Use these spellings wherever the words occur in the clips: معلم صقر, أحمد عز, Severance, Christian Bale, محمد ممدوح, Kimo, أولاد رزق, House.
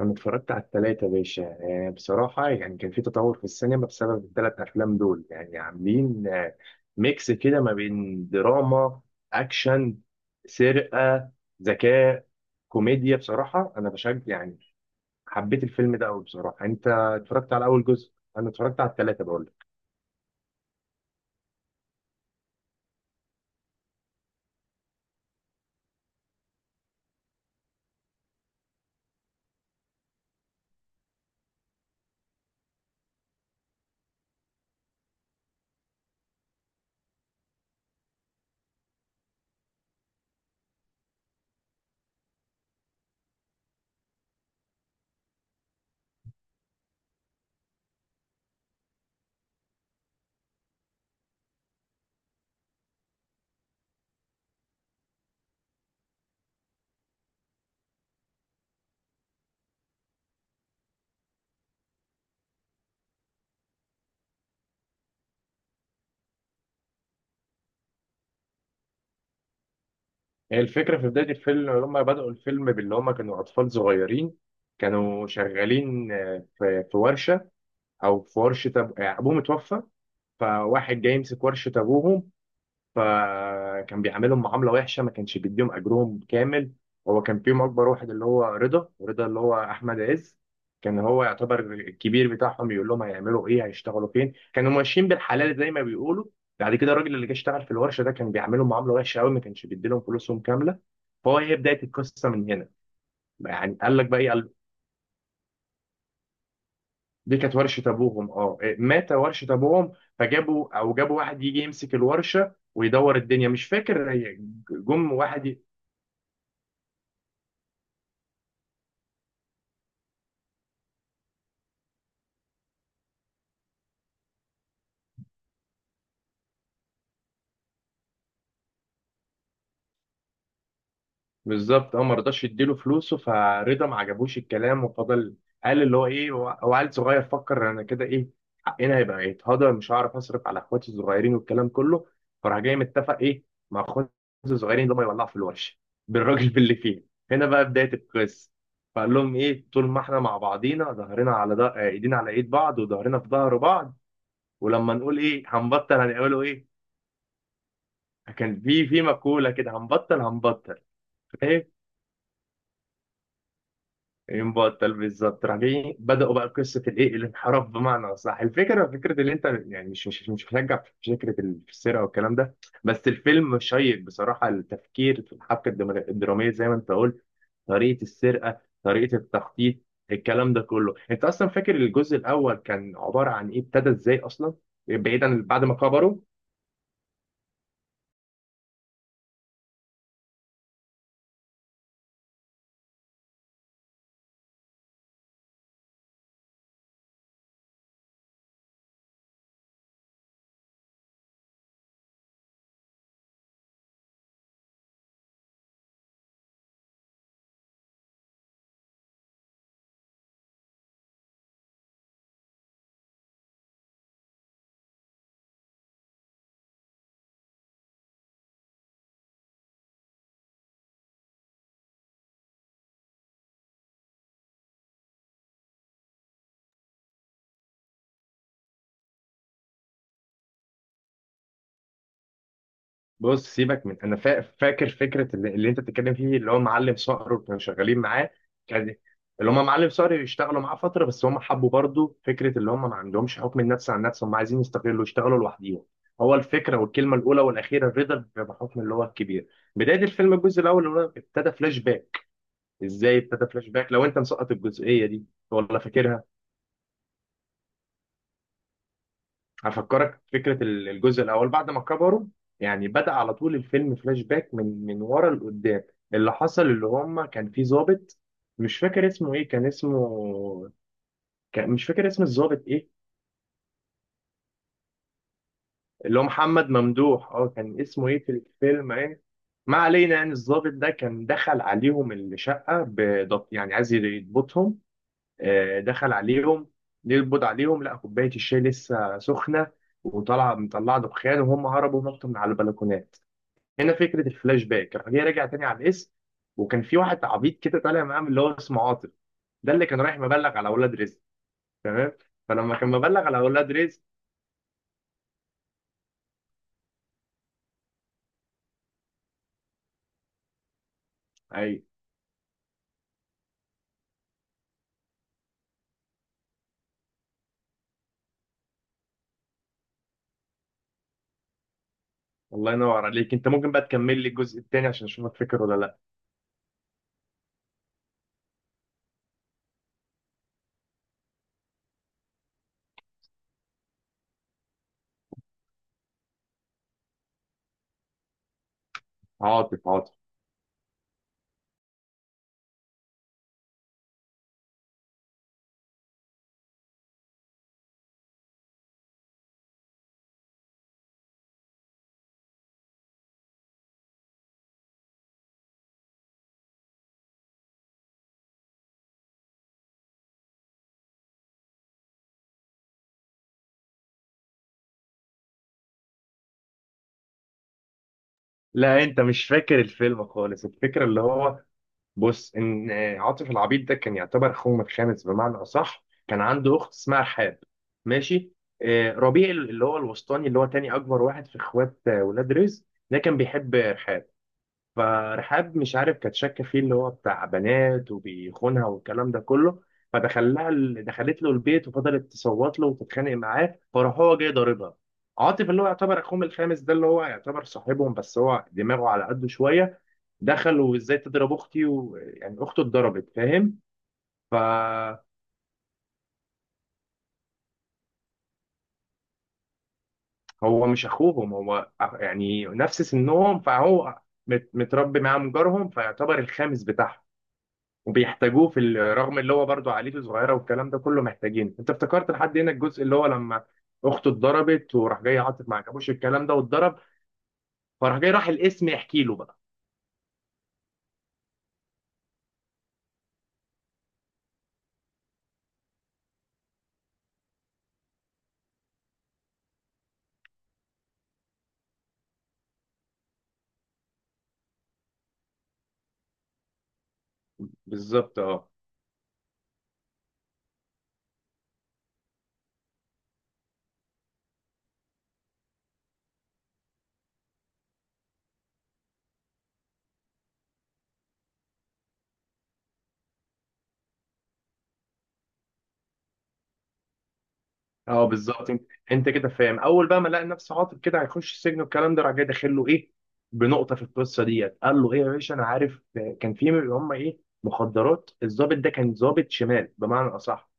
انا اتفرجت على التلاتة يا باشا، يعني بصراحة يعني كان في تطور في السينما بسبب التلات افلام دول، يعني عاملين ميكس كده ما بين دراما، اكشن، سرقة، ذكاء، كوميديا. بصراحة انا بشجع يعني، حبيت الفيلم ده قوي بصراحة. انت اتفرجت على اول جزء؟ انا اتفرجت على التلاتة بقول لك. هي الفكرة في بداية الفيلم لما بدأوا الفيلم باللي هما كانوا اطفال صغيرين، كانوا شغالين في ورشة، او في ورشة ابوه متوفى. فواحد جاي يمسك ورشة أبوهم، فكان بيعاملهم معاملة وحشة، ما كانش بيديهم أجرهم كامل. هو كان فيهم أكبر واحد اللي هو رضا اللي هو أحمد عز. كان هو يعتبر الكبير بتاعهم، يقول لهم هيعملوا إيه، هيشتغلوا فين. كانوا ماشيين بالحلال زي ما بيقولوا. بعد كده الراجل اللي جه اشتغل في الورشة ده كان بيعاملهم معاملة وحشة قوي، ما كانش بيديلهم فلوسهم كاملة. فهو هي بداية القصة من هنا. يعني قال لك بقى إيه؟ دي كانت ورشة أبوهم أه، إيه، مات. ورشة أبوهم فجابوا أو جابوا واحد يجي يمسك الورشة ويدور الدنيا، مش فاكر هي جم واحد. بالظبط اه، ما رضاش يديله فلوسه، فرضا ما عجبوش الكلام وفضل. قال اللي هو ايه، هو هو عيل صغير، فكر انا كده ايه، حقنا هيبقى يتهضم، مش هعرف اصرف على اخواتي الصغيرين والكلام كله. فراح جاي متفق ايه مع اخواتي الصغيرين اللي هم يولعوا في الورشه بالراجل باللي فيه. هنا بقى بدايه القصه. فقال لهم ايه، طول ما احنا مع بعضينا ظهرنا على ده، ايدينا على ايد بعض وظهرنا في ظهر بعض. ولما نقول ايه هنبطل هنقولوا ايه. كان في مقوله كده، هنبطل ينبع الطلب. بالظبط، راح جاي بدأوا بقى قصة الايه، الانحراف بمعنى أصح. الفكرة، فكرة اللي انت يعني، مش هشجع في فكرة السرقة والكلام ده، بس الفيلم شيق بصراحة. التفكير في الحبكة الدرامية زي ما انت قلت، طريقة السرقة، طريقة التخطيط، الكلام ده كله. انت اصلا فاكر الجزء الاول كان عبارة عن ايه؟ ابتدى ازاي اصلا؟ بعيدا عن بعد ما كبروا. بص سيبك من انا فاكر فكره اللي انت بتتكلم فيه، اللي هو معلم صقر وكانوا شغالين معاه. كان اللي هم معلم صقر يشتغلوا معاه فتره، بس هم حبوا برضو فكره اللي هم ما عندهمش حكم النفس عن نفسهم، هم عايزين يستقلوا يشتغلوا لوحديهم. هو الفكره والكلمه الاولى والاخيره الرضا بحكم اللي هو الكبير. بدايه الفيلم الجزء الاول اللي هو ابتدى فلاش باك، ازاي ابتدى فلاش باك، لو انت مسقط الجزئيه دي ولا فاكرها؟ هفكرك فكرة الجزء الأول بعد ما كبروا. يعني بدأ على طول الفيلم فلاش باك، من ورا لقدام. اللي حصل اللي هم كان في ضابط، مش فاكر اسمه إيه، كان اسمه، كان مش فاكر اسم الضابط إيه، اللي هو محمد ممدوح أه، كان اسمه إيه في الفيلم إيه. ما علينا، يعني الضابط ده كان دخل عليهم الشقة بضبط، يعني عايز يضبطهم. دخل عليهم يقبض عليهم، لقى كوباية الشاي لسه سخنة، وطلع مطلع دخان، وهم هربوا نطوا من على البلكونات. هنا فكره الفلاش باك. راح جاي راجع تاني على الاسم، وكان في واحد عبيط كده طالع معاه من اللي هو اسمه عاطف، ده اللي كان رايح مبلغ على اولاد رزق، تمام؟ فلما كان مبلغ على اولاد رزق اي، الله ينور عليك. انت ممكن بقى تكمل لي الجزء التاني عشان اشوفك فاكر ولا لا؟ عاطف، لا انت مش فاكر الفيلم خالص. الفكره اللي هو، بص، ان عاطف العبيد ده كان يعتبر اخوهم الخامس، بمعنى اصح كان عنده اخت اسمها رحاب، ماشي؟ ربيع اللي هو الوسطاني، اللي هو تاني اكبر واحد في اخوات ولاد رزق، ده كان بيحب رحاب. فرحاب مش عارف كانت شاكه فيه، اللي هو بتاع بنات وبيخونها والكلام ده كله. دخلت له البيت وفضلت تصوت له وتتخانق معاه، فراح هو جاي ضاربها. عاطف اللي هو يعتبر اخوهم الخامس ده، اللي هو يعتبر صاحبهم بس هو دماغه على قده شويه، دخلوا ازاي تضرب اختي، ويعني اخته اتضربت، فاهم؟ فهو مش اخوهم، هو يعني نفس سنهم، فهو متربي معاهم جارهم، فيعتبر الخامس بتاعهم وبيحتاجوه في رغم اللي هو برضه عائلته صغيره والكلام ده كله محتاجينه. انت افتكرت لحد هنا الجزء اللي هو لما اخته اتضربت، وراح جاي عاطف ما عجبوش الكلام ده واتضرب. فراح جاي راح الاسم يحكي له بقى، بالظبط اه. اه بالظبط، انت انت كده فاهم. اول بقى ما لقى نفسه عاطل كده هيخش السجن والكلام ده، راح جاي داخل له ايه بنقطه في القصه ديت، قال له ايه يا باشا، انا عارف كان في اللي هم ايه، مخدرات. الضابط ده كان ضابط شمال بمعنى اصح،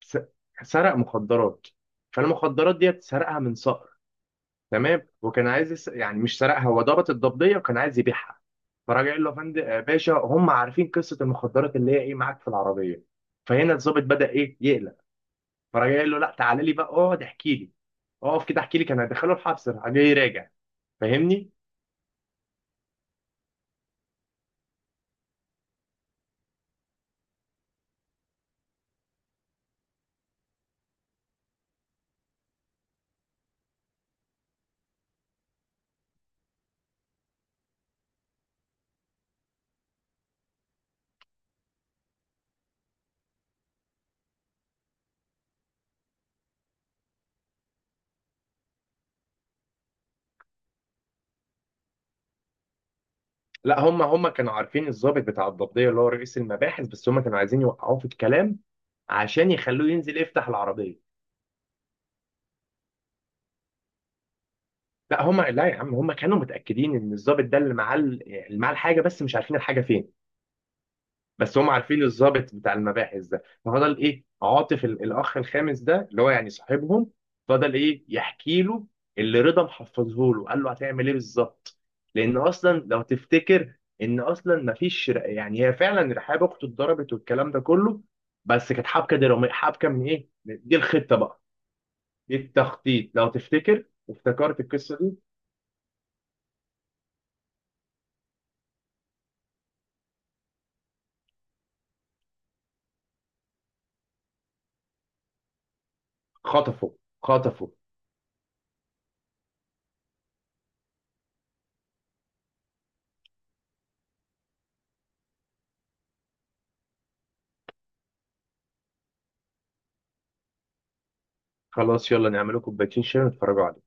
س- سرق مخدرات. فالمخدرات ديت سرقها من صقر، تمام، وكان عايز يعني مش سرقها، هو ضابط الضبطيه وكان عايز يبيعها. فراجع قال له يا فندم باشا، هم عارفين قصه المخدرات اللي هي ايه معاك في العربيه. فهنا الضابط بدأ ايه، يقلق. فراجع قايل له لا، تعالى لي بقى اقعد احكي لي، اقف كده احكي لي. كان هيدخله الحبس، راح جاي راجع، فاهمني؟ لا، هم كانوا عارفين الضابط بتاع الضبطيه اللي هو رئيس المباحث، بس هم كانوا عايزين يوقعوه في الكلام عشان يخلوه ينزل يفتح العربيه. لا هم، لا يا عم، هم كانوا متاكدين ان الضابط ده اللي معاه اللي معاه الحاجه، بس مش عارفين الحاجه فين. بس هم عارفين الضابط بتاع المباحث ده. ففضل ايه عاطف الاخ الخامس ده اللي هو يعني صاحبهم، فضل ايه يحكي له اللي رضا محفظه له. قال له هتعمل ايه بالظبط، لان اصلا لو تفتكر ان اصلا مفيش يعني هي فعلا رحاب اخته اتضربت والكلام ده كله، بس كانت حبكه دراميه، حبكه من ايه دي، الخطه بقى، دي التخطيط. لو تفتكر وافتكرت القصه دي. خطفوا خطفوا خلاص، يلا نعمل لكم كوبايتين شاي ونتفرجوا عليه.